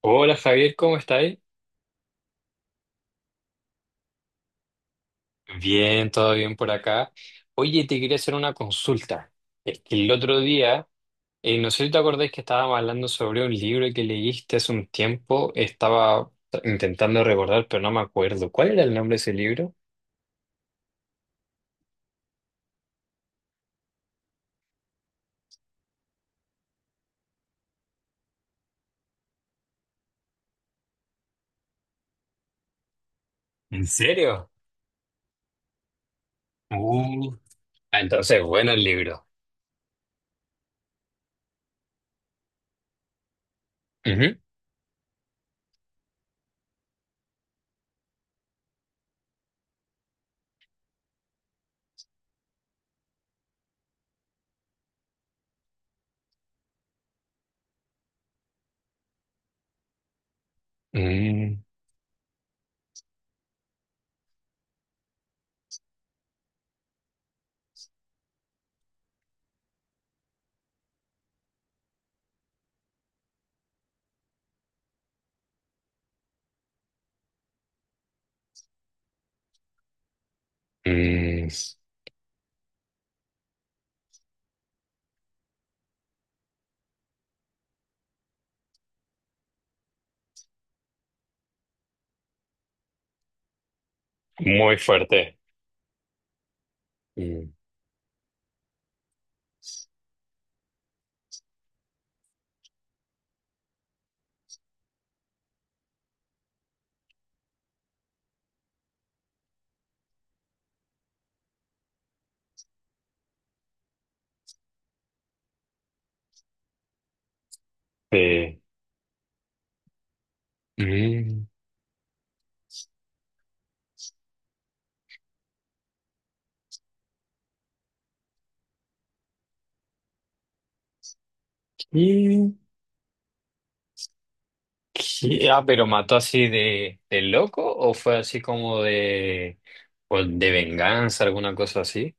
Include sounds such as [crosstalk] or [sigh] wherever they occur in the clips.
Hola Javier, ¿cómo estáis? Bien, todo bien por acá. Oye, te quería hacer una consulta. Es que el otro día, no sé si te acordáis que estábamos hablando sobre un libro que leíste hace un tiempo. Estaba intentando recordar, pero no me acuerdo. ¿Cuál era el nombre de ese libro? ¿En serio? Uh, entonces, bueno el libro. Ujú. Mm. Mm, muy fuerte. Mm. Sí. Mm. ¿Qué? ¿Qué? Ah, pero mató así de loco o fue así como de, o de venganza, alguna cosa así.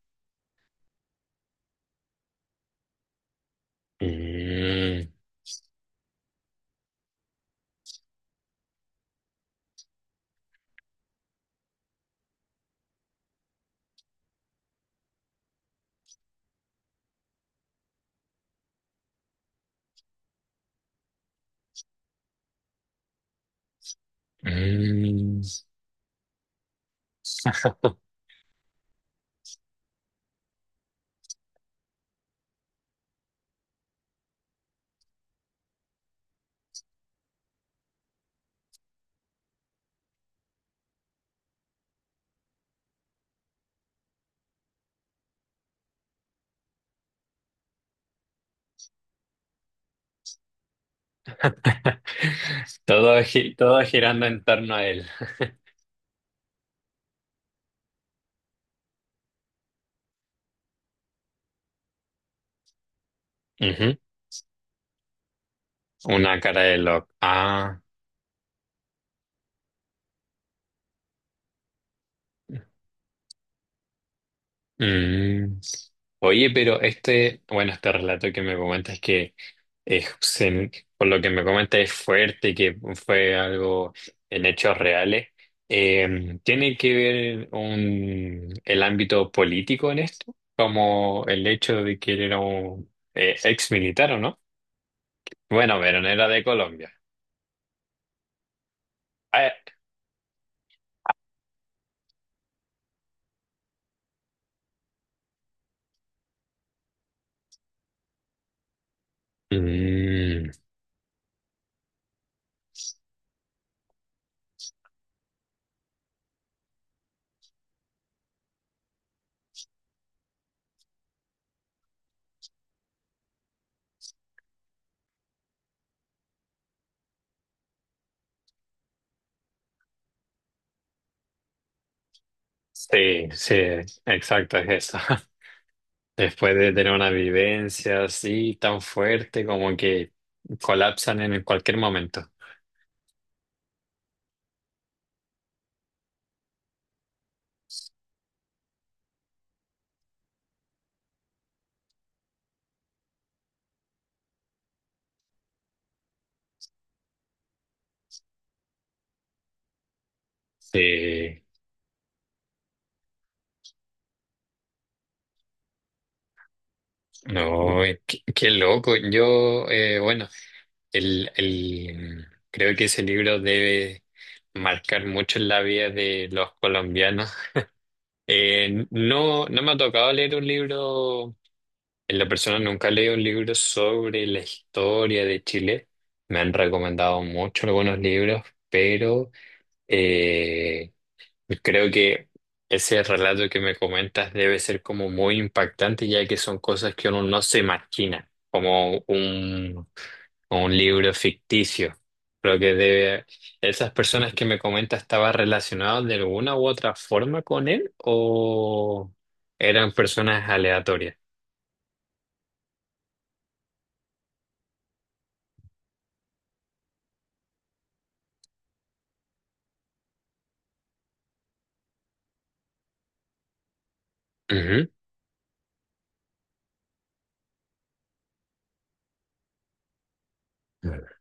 Mm. Mm. [laughs] Todo, todo girando en torno a él. [laughs] Ujú. Una cara de loco. Ah. Mm. Oye, pero este, bueno, este relato que me comentas que es, se- por lo que me comentas es fuerte, que fue algo en hechos reales. ¿Tiene que ver un, el ámbito político en esto? Como el hecho de que él era un ex militar, ¿o no? Bueno, pero no era de Colombia. Ah, eh. Mm, sí, sí, exacto, es eso. [laughs] Después de tener una vivencia así tan fuerte como que colapsan en cualquier momento. Sí, no, qué, qué loco. Yo, bueno, el, el, creo que ese libro debe marcar mucho en la vida de los colombianos. No, no me ha tocado leer un libro, en la persona nunca he leído un libro sobre la historia de Chile. Me han recomendado mucho algunos libros, pero… eh, pues creo que ese relato que me comentas debe ser como muy impactante, ya que son cosas que uno no se imagina, como un libro ficticio. Creo que debe, esas personas que me comentas estaban relacionadas de alguna u otra forma con él o eran personas aleatorias. Ujú. Claro.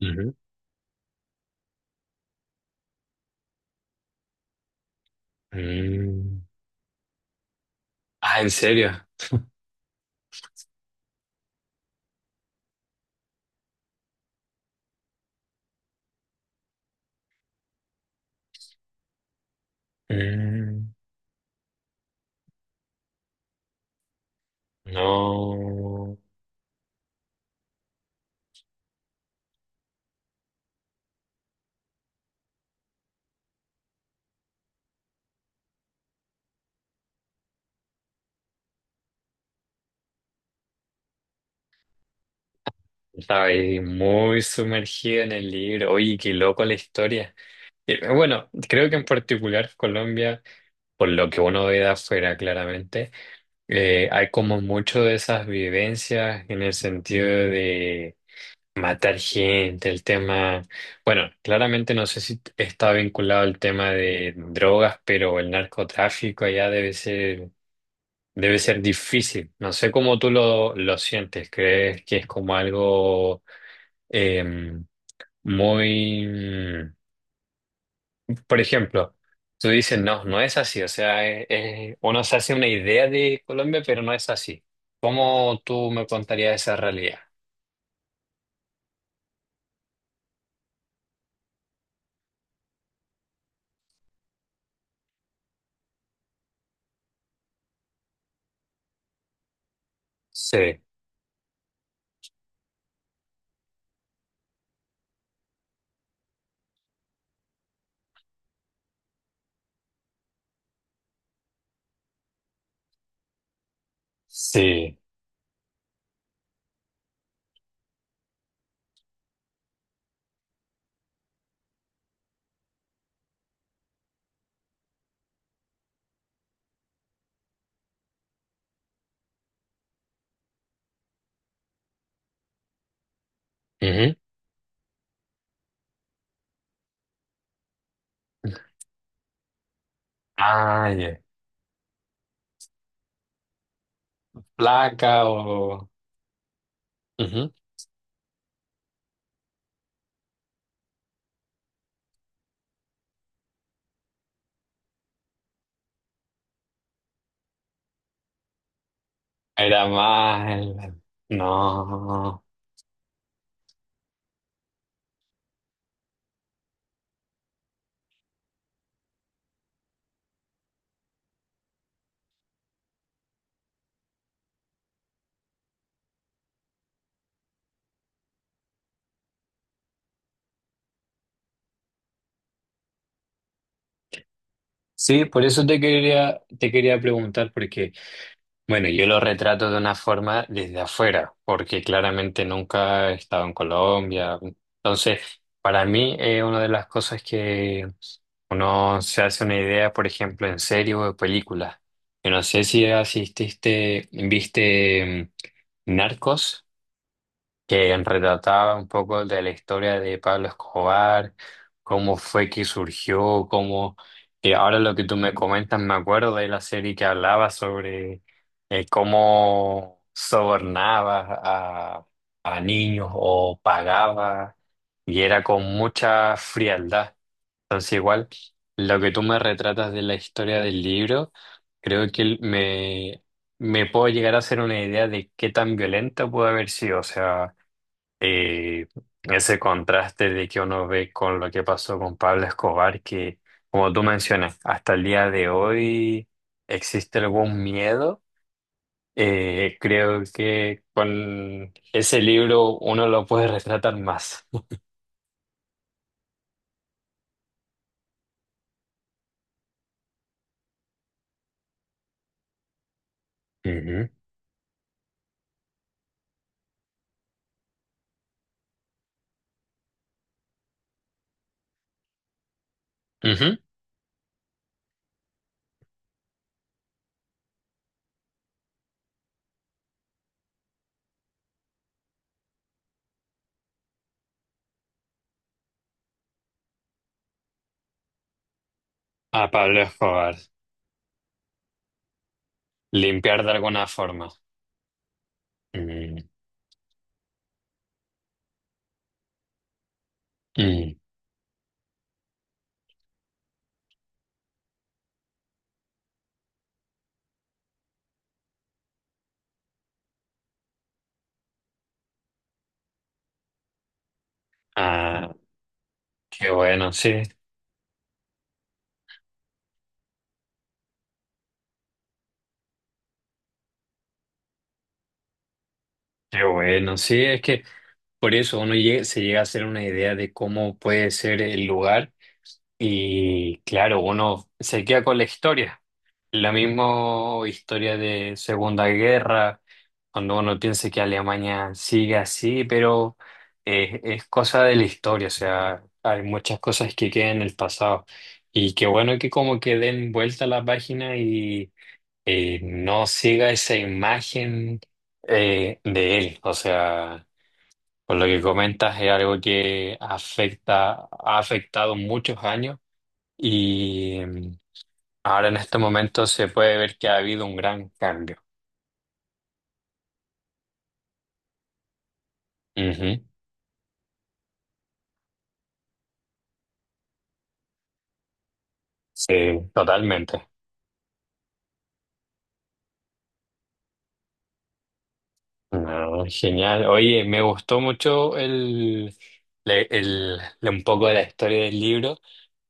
Ujú. Mm. Ah, ¿en serio? Mm. No. Estaba ahí muy sumergido en el libro. Oye, qué loco la historia. Bueno, creo que en particular Colombia, por lo que uno ve de afuera claramente, hay como mucho de esas vivencias en el sentido de matar gente, el tema, bueno, claramente no sé si está vinculado al tema de drogas, pero el narcotráfico allá debe ser difícil. No sé cómo tú lo sientes. ¿Crees que es como algo… em, muy… mm, por ejemplo, tú dices, no, no es así. O sea, uno se hace una idea de Colombia, pero no es así. ¿Cómo tú me contarías esa realidad? Sí, sí. Ujú. Ah, ya. ¿Placa o…? Ujú. Era mal. No. Sí, por eso te quería preguntar, porque bueno, yo lo retrato de una forma desde afuera, porque claramente nunca he estado en Colombia. Entonces, para mí, una de las cosas que uno se hace una idea, por ejemplo, en serie o de película. Yo no sé si asististe, viste Narcos que retrataba un poco de la historia de Pablo Escobar, cómo fue que surgió, cómo… que ahora lo que tú me comentas, me acuerdo de la serie que hablaba sobre cómo sobornaba a niños o pagaba, y era con mucha frialdad. Entonces, igual, lo que tú me retratas de la historia del libro, creo que me puedo llegar a hacer una idea de qué tan violenta pudo haber sido. O sea, y ese contraste de que uno ve con lo que pasó con Pablo Escobar, que como tú mencionas, hasta el día de hoy existe algún miedo. Creo que con ese libro uno lo puede retratar más. Ujú. Ujú. A Pablo Escobar, limpiar de alguna forma. Mm. Mm. Ah, qué bueno, sí, qué bueno, sí, es que por eso uno se llega a hacer una idea de cómo puede ser el lugar. Y claro, uno se queda con la historia. La misma historia de Segunda Guerra, cuando uno piensa que Alemania sigue así, pero es cosa de la historia, o sea, hay muchas cosas que quedan en el pasado. Y qué bueno que como que den vuelta a la página y no siga esa imagen de él. O sea, por lo que comentas es algo que afecta, ha afectado muchos años y mm, ahora en este momento se puede ver que ha habido un gran cambio. Ujú. Sí, totalmente. No, genial. Oye, me gustó mucho el, un poco de la historia del libro.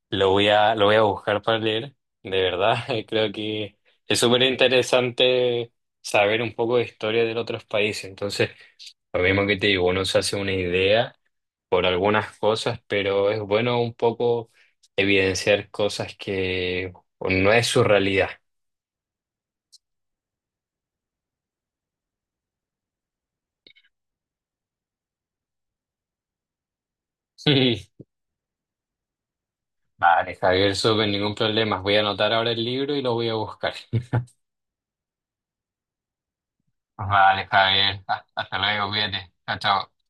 Lo voy a buscar para leer. De verdad, [laughs] creo que es súper interesante saber un poco de historia de otros países. Entonces, lo mismo que te digo, uno se hace una idea por algunas cosas, pero es bueno un poco evidenciar cosas que no es su realidad. Sí. Vale, Javier, súper, ningún problema. Voy a anotar ahora el libro y lo voy a buscar. [laughs] Vale, Javier, hasta luego, cuídate. Chao, chao.